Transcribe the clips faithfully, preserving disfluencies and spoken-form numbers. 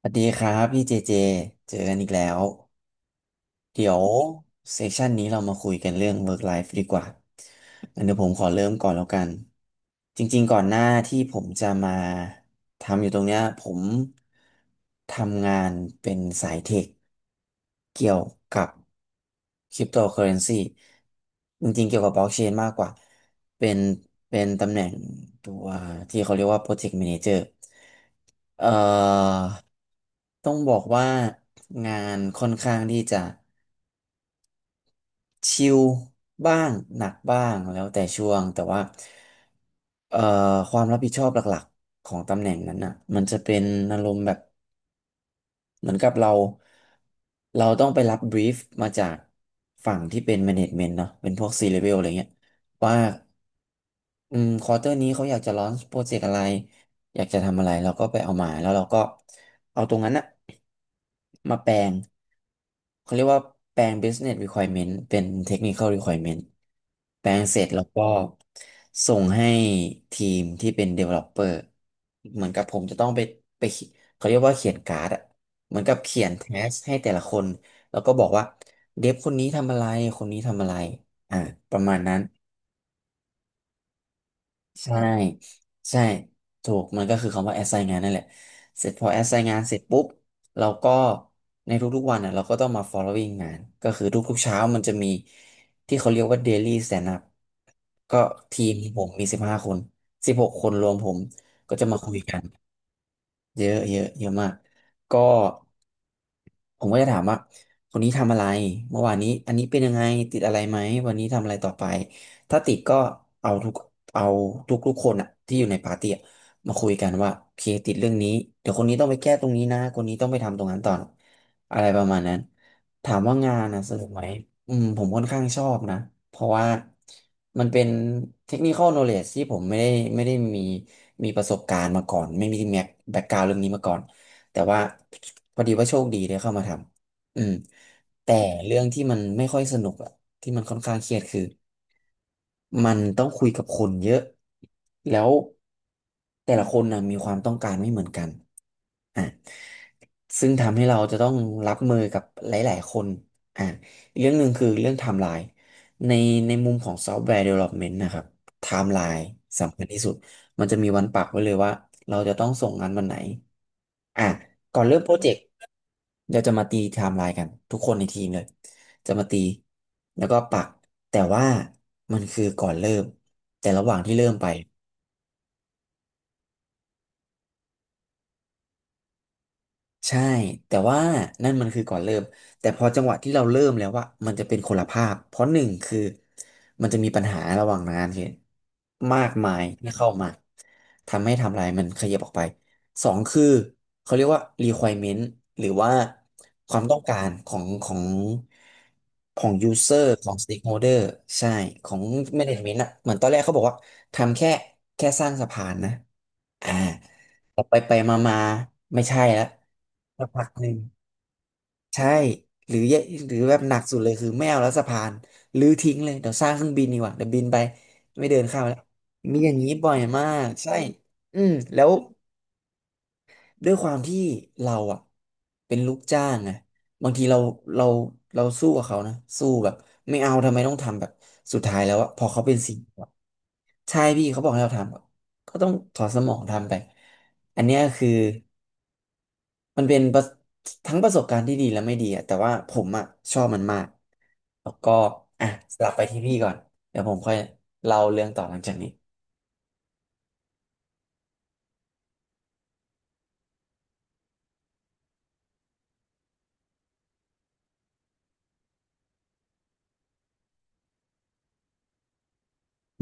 สวัสดีครับพี่เจเจ เจอกันอีกแล้วเดี๋ยวเซสชันนี้เรามาคุยกันเรื่อง work life ดีกว่าอันเดี๋ยวผมขอเริ่มก่อนแล้วกันจริงๆก่อนหน้าที่ผมจะมาทำอยู่ตรงเนี้ยผมทำงานเป็นสายเทคเกี่ยวกับคริปโตเคอเรนซีจริงๆเกี่ยวกับบล็อกเชนมากกว่าเป็นเป็นตำแหน่งตัวที่เขาเรียกว่า Project Manager เอ่อต้องบอกว่างานค่อนข้างที่จะชิลบ้าง หนักบ้างแล้วแต่ช่วงแต่ว่า เอ่อความรับผิดชอบหลักๆของตำแหน่งนั้นน่ะ มันจะเป็นอารมณ์แบบ เหมือนกับเรา เราต้องไปรับบรีฟมาจากฝั่งที่เป็นแมเนจเมนต์เนาะเป็นพวกซีเลเวลอะไรเงี้ยว่า อืมควอเตอร์นี้เขาอยากจะลอนโปรเจกต์อะไรอยากจะทำอะไรเราก็ไปเอามาแล้วเราก็เอาตรงนั้นอะมาแปลงเขาเรียกว่าแปลง business requirement เป็น technical requirement แปลงเสร็จแล้วก็ส่งให้ทีมที่เป็น developer เหมือนกับผมจะต้องไปไปเขียเขาเรียกว่าเขียนการ์ดอะเหมือนกับเขียนแทสให้แต่ละคนแล้วก็บอกว่าเดฟคนนี้ทำอะไรคนนี้ทำอะไรอ่าประมาณนั้น ใช่ใช่ถูกมันก็คือคำว่า assign งานนั่นแหละเสร็จพอ assign งานเสร็จปุ๊บเราก็ในทุกๆวันอ่ะเราก็ต้องมา following งานก็คือทุกๆเช้ามันจะมีที่เขาเรียกว่า daily stand up ก็ทีมผมมีสิบห้าคนสิบหกคนรวมผมก็จะมาคุยกันเยอะเยอะเยอะมากก็ ผมก็จะถามว่าคนนี้ทำอะไรเมื่อวานนี้อันนี้เป็นยังไงติดอะไรไหมวันนี้ทำอะไรต่อไปถ้าติดก็เอาทุกเอาทุกทุกคนอะที่อยู่ในปาร์ตี้อะมาคุยกันว่าโอเคติดเรื่องนี้เดี๋ยวคนนี้ต้องไปแก้ตรงนี้นะคนนี้ต้องไปทำตรงนั้นต่อนะอะไรประมาณนั้นถามว่างานอะสนุกไหมอืมผมค่อนข้างชอบนะเพราะว่ามันเป็น technical knowledge ที่ผมไม่ได้ไม่ได้มีมีประสบการณ์มาก่อนไม่มีแบ็กกราวเรื่องนี้มาก่อน แต่ว่าพอดีว่าโชคดีได้เข้ามาทำอืมแต่เรื่องที่มันไม่ค่อยสนุกอะที่มันค่อนข้างเครียดคือ มันต้องคุยกับคนเยอะ แล้วแต่ละคนนะมีความต้องการไม่เหมือนกันอ่ะซึ่งทำให้เราจะต้องรับมือกับหลายๆคนอ่ะอีกเรื่องหนึ่งคือเรื่องไทม์ไลน์ในในมุมของซอฟต์แวร์ Development นะครับไทม์ไลน์สำคัญที่สุด มันจะมีวันปักไว้เลยว่าเราจะต้องส่งงานวันไหนอ่ะก่อนเริ่มโปรเจกต์เดี๋ยวจะมาตีไทม์ไลน์กันทุกคนในทีมเลย จะมาตีแล้วก็ปักแต่ว่ามันคือก่อนเริ่มแต่ระหว่างที่เริ่มไป ใช่แต่ว่านั่นมันคือก่อนเริ่มแต่พอจังหวะที่เราเริ่มแล้วว่ามันจะเป็นคนละภาพเพราะหนึ่งคือมันจะมีปัญหาระหว่างงานคือมากมายที่เข้ามาทำให้ทำลายมันขยับออกไปสองคือเขาเรียกว่า requirement หรือว่าความต้องการของของของ user ของ stakeholder ใช่ของ management อ่ะเหมือนตอนแรกเขาบอกว่าทำแค่แค่สร้างสะพานนะอ่าไปไปมามาๆไม่ใช่แล้ว สักพักหนึ่งใช่หรือแย่หรือแบบหนักสุดเลยคือไม่เอาแล้วสะพานรื้อทิ้งเลยเดี๋ยวสร้างเครื่องบินดีกว่าเดี๋ยวบินไปไม่เดินข้ามแล้วมีอย่างนี้บ่อยมากใช่อืมแล้วด้วยความที่เราอ่ะเป็นลูกจ้างไงบางทีเราเราเราสู้กับเขานะสู้แบบไม่เอาทำไมต้องทำแบบสุดท้ายแล้วอะพอเขาเป็นสิ่งอะใช่พี่เขาบอกให้เราทำอะก็ต้องถอดสมองทำไปอันเนี้ยคือ มันเป็นประทั้งประสบการณ์ที่ดีและไม่ดีอะแต่ว่าผมอะชอบมันมากแล้วก็อ่ะสลับไปที่พี่ก่อนเดี๋ยวผมค่อยเล่าเรื่องต่อหลังจากนี้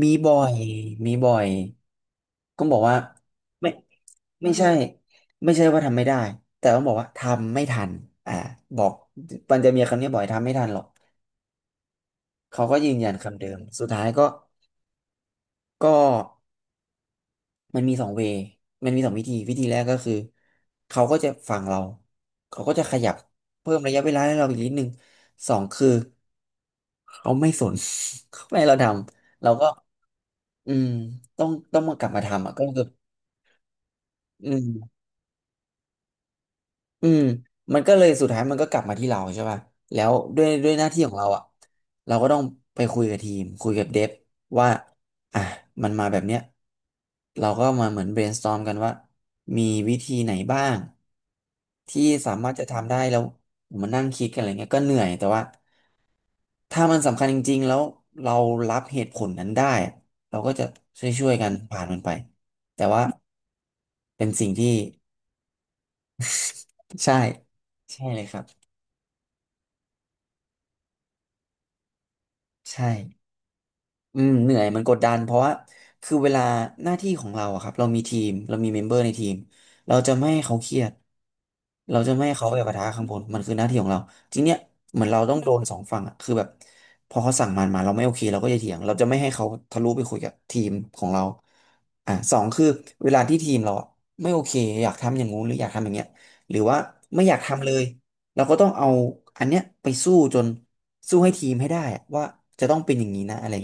มีบ่อยมีบ่อยก็บอกว่าไม่ไม่ใช่ไม่ใช่ว่าทำไม่ได้ แต่ต้องบอกว่าทำไม่ทันอ่าบอกมันจะมีคำนี้บ่อยทำไม่ทันหรอก เขาก็ยืนยันคำเดิม สุดท้ายก็ก็ มันมีสองเวย์มันมีสองวิธีวิธีแรกก็คือเขาก็จะฟังเราเขาก็จะขยับเพิ่มระยะเวลาให้เราอีกนิดนึงสองคือเขาไม่สน เขาไม่ให้เราทำเราก็อืมต้องต้องมากลับมาทำอ่ะก็คืออืม อืมมันก็เลยสุดท้ายมันก็กลับมาที่เราใช่ป่ะแล้วด้วยด้วยหน้าที่ของเราอ่ะเราก็ต้องไปคุยกับทีมคุยกับเดฟว่าอ่ะมันมาแบบเนี้ยเราก็มาเหมือน brainstorm กันว่ามีวิธีไหนบ้างที่สามารถจะทำได้แล้วมานั่งคิดกันอะไรเงี้ยก็เหนื่อยแต่ว่าถ้ามันสำคัญจริงๆแล้วเรารับเหตุผลนั้นได้เราก็จะช่วยๆกันผ่านมันไปแต่ว่าเป็นสิ่งที่ใช่ใช่เลยครับใช่ อืมเหนื่อยมันกดดันเพราะว่าคือเวลาหน้าที่ของเราอะครับเรามีทีมเรามีเมมเบอร์ในทีมเราจะไม่ให้เขาเครียดเราจะไม่ให้เขาไปปะทะข้างบนมันคือหน้าที่ของเราทีเนี้ยเหมือนเราต้องโดนสองฝั่งอะคือแบบพอเขาสั่งมันมาเราไม่โอเคเราก็จะเถียงเราจะไม่ให้เขาทะลุไปคุยกับทีมของเราอ่ะสองคือเวลาที่ทีมเราอะไม่โอเคอยากทำอย่างงู้นหรืออยากทำอย่างเงี้ยหรือว่าไม่อยากทำเลยเราก็ต้องเอาอันเนี้ยไปสู้จนสู้ให้ทีมให้ได้อะว่าจะต้องเป็นอย่างนี้นะอะไร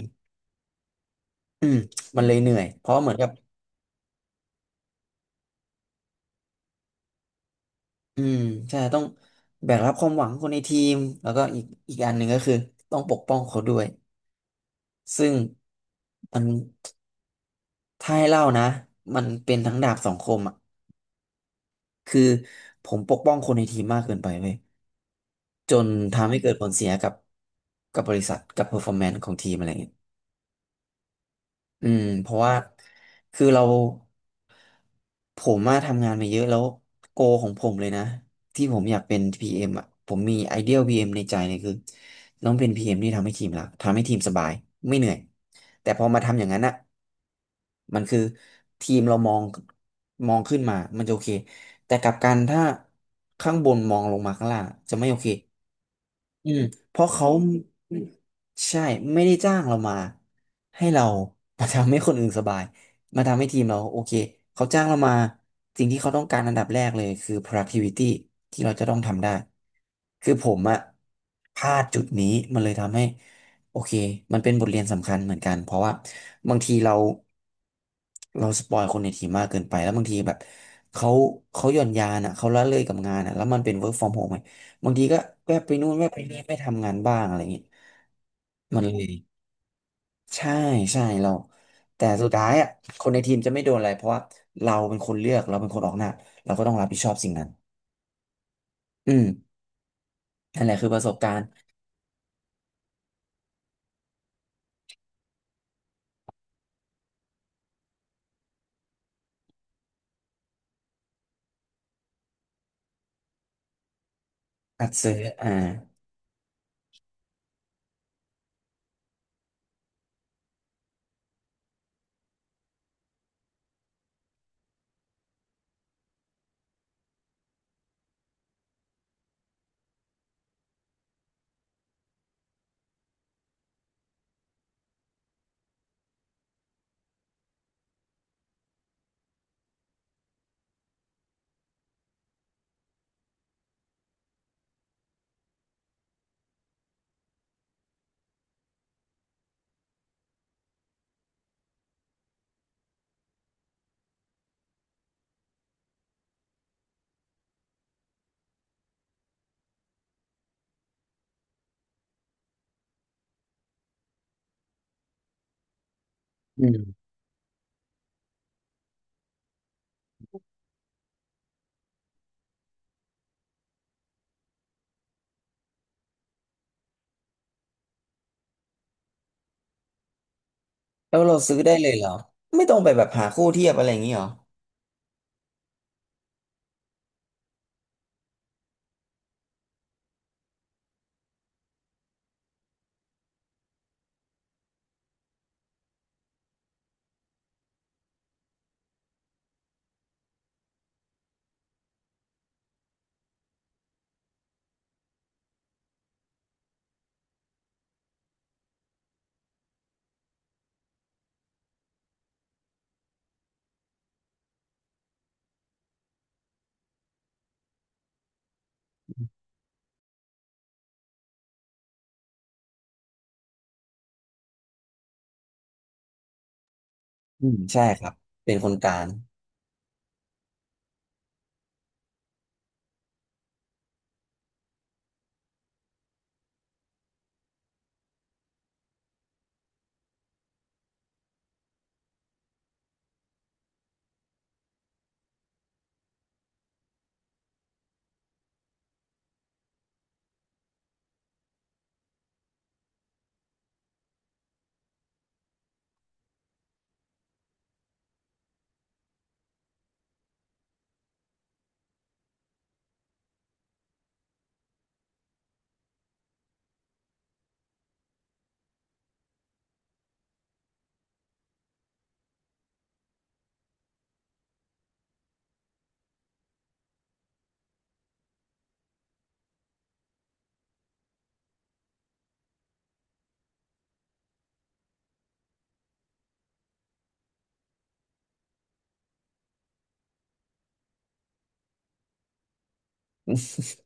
อืมมันเลยเหนื่อยเพราะเหมือนกับอืมใช่ต้องแบกรับความหวังคนในทีมแล้วก็อีกอีกอันหนึ่งก็คือต้องปกป้องเขาด้วยซึ่งมันถ้าให้เล่านะมันเป็นทั้งดาบสองคมอ่ะคือผมปกป้องคนในทีมมากเกินไปเว้ยจนทำให้เกิดผลเสียกับกับบริษัทกับ performance ของทีมอะไรเงี้ย อืมเพราะว่าคือเราผมมาทำงานมาเยอะแล้วโกของผมเลยนะที่ผมอยากเป็น พี เอ็ม อมอ่ะผมมีไอเดีย พี เอ็ม ในใจเลยคือต้องเป็น พี เอ็ม ที่ทำให้ทีมรักทำให้ทีมสบายไม่เหนื่อยแต่พอมาทำอย่างนั้นอ่ะมันคือทีมเรามองมองขึ้นมามันจะโอเคแต่กลับกันถ้าข้างบนมองลงมาข้างล่างจะไม่โอเค อืมเพราะเขาใช่ไม่ได้จ้างเรามาให้เรามาทำให้คนอื่นสบายมาทำให้ทีมเราโอเคเขาจ้างเรามาสิ่งที่เขาต้องการอันดับแรกเลยคือ productivity ที่เราจะต้องทำได้คือผมอะพลาดจุดนี้มันเลยทำให้โอเคมันเป็นบทเรียนสำคัญเหมือนกันเพราะว่าบางทีเราเราสปอยคนในทีมมากเกินไปแล้วบางทีแบบเขาเขาหย่อนยานอะเขาละเลยกับงานอะแล้วมันเป็น work from home ไง บางทีก็แวบไปนู่นแวบไปนี่ไม่ทำงานบ้างอะไรอย่างงี้มันเลยใช่ใช่เราแต่สุดท้ายอ่ะคนในทีมจะไม่โดนอะไรเพราะว่าเราเป็นคนเลือกเราเป็นคนออกหน้าเราก็ต้องรับผิดชอบสิ่งนั้นอืมนั่นแหละคือประสบการณ์อัดซื้ออ่าอืมแล้วเราซื้อได้เลยเหรอไม่ต้องไปแบบหาคู่เทียบอะไรอย่างนี้เหรออืมใช่ครับเป็นคนกลาง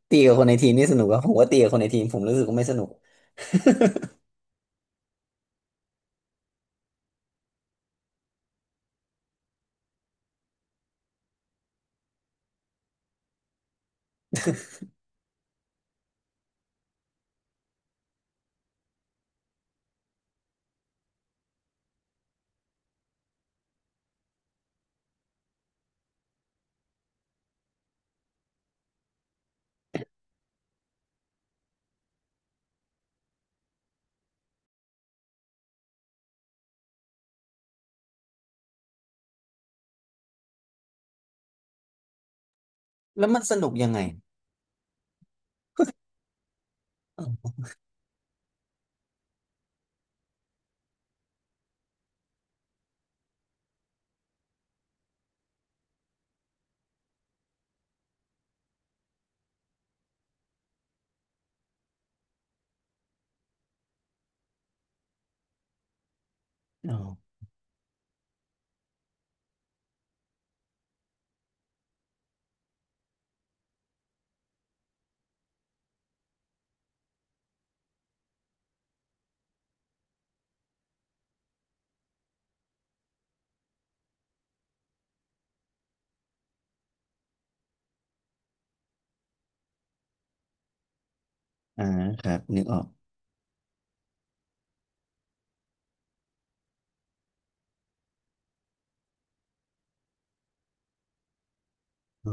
ตีกับคนในทีมนี่สนุกอะผมว่าตีกับคนในทีมผมรู้สึกว่าไม่สนุกแล้วมันสนุกยังไงอ๋ออ๋ออ่าครับนึกออกอ๋อ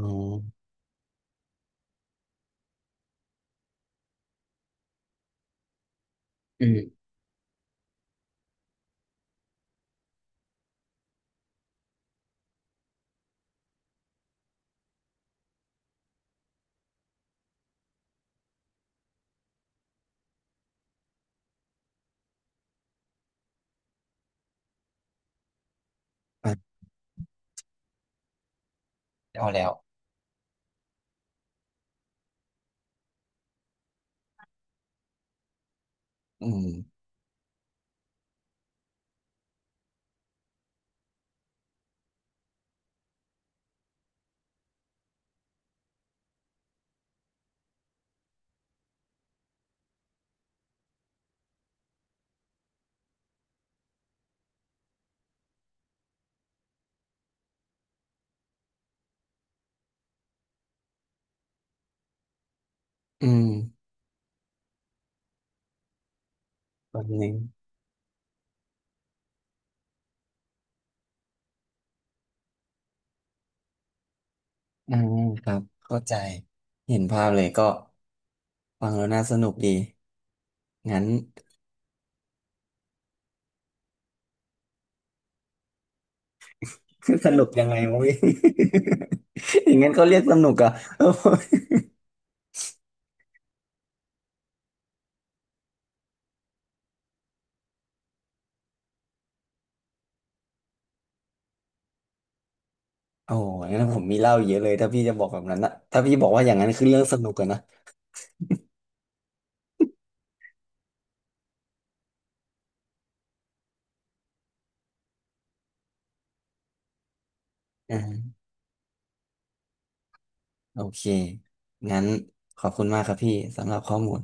อ่ะเอาแล้วอืมอืมแบบนี้อ่าครับเข้าใจเห็นภาพเลยก็ฟังแล้วน่าสนุกดีงั้น สนุกยังไงวะ พี่ อย่างงั้นก็เขาเรียกสนุกอ่ะ เออโอ้โหงั้นผมมีเล่าเยอะเลยถ้าพี่จะบอกแบบนั้นนะถ้าพี่บอกว่าอย่างนั้นคือเรื่องสนุกกันนะอ่าโอเคงั้นขอบคุณมากครับพี่สำหรับข้อมูล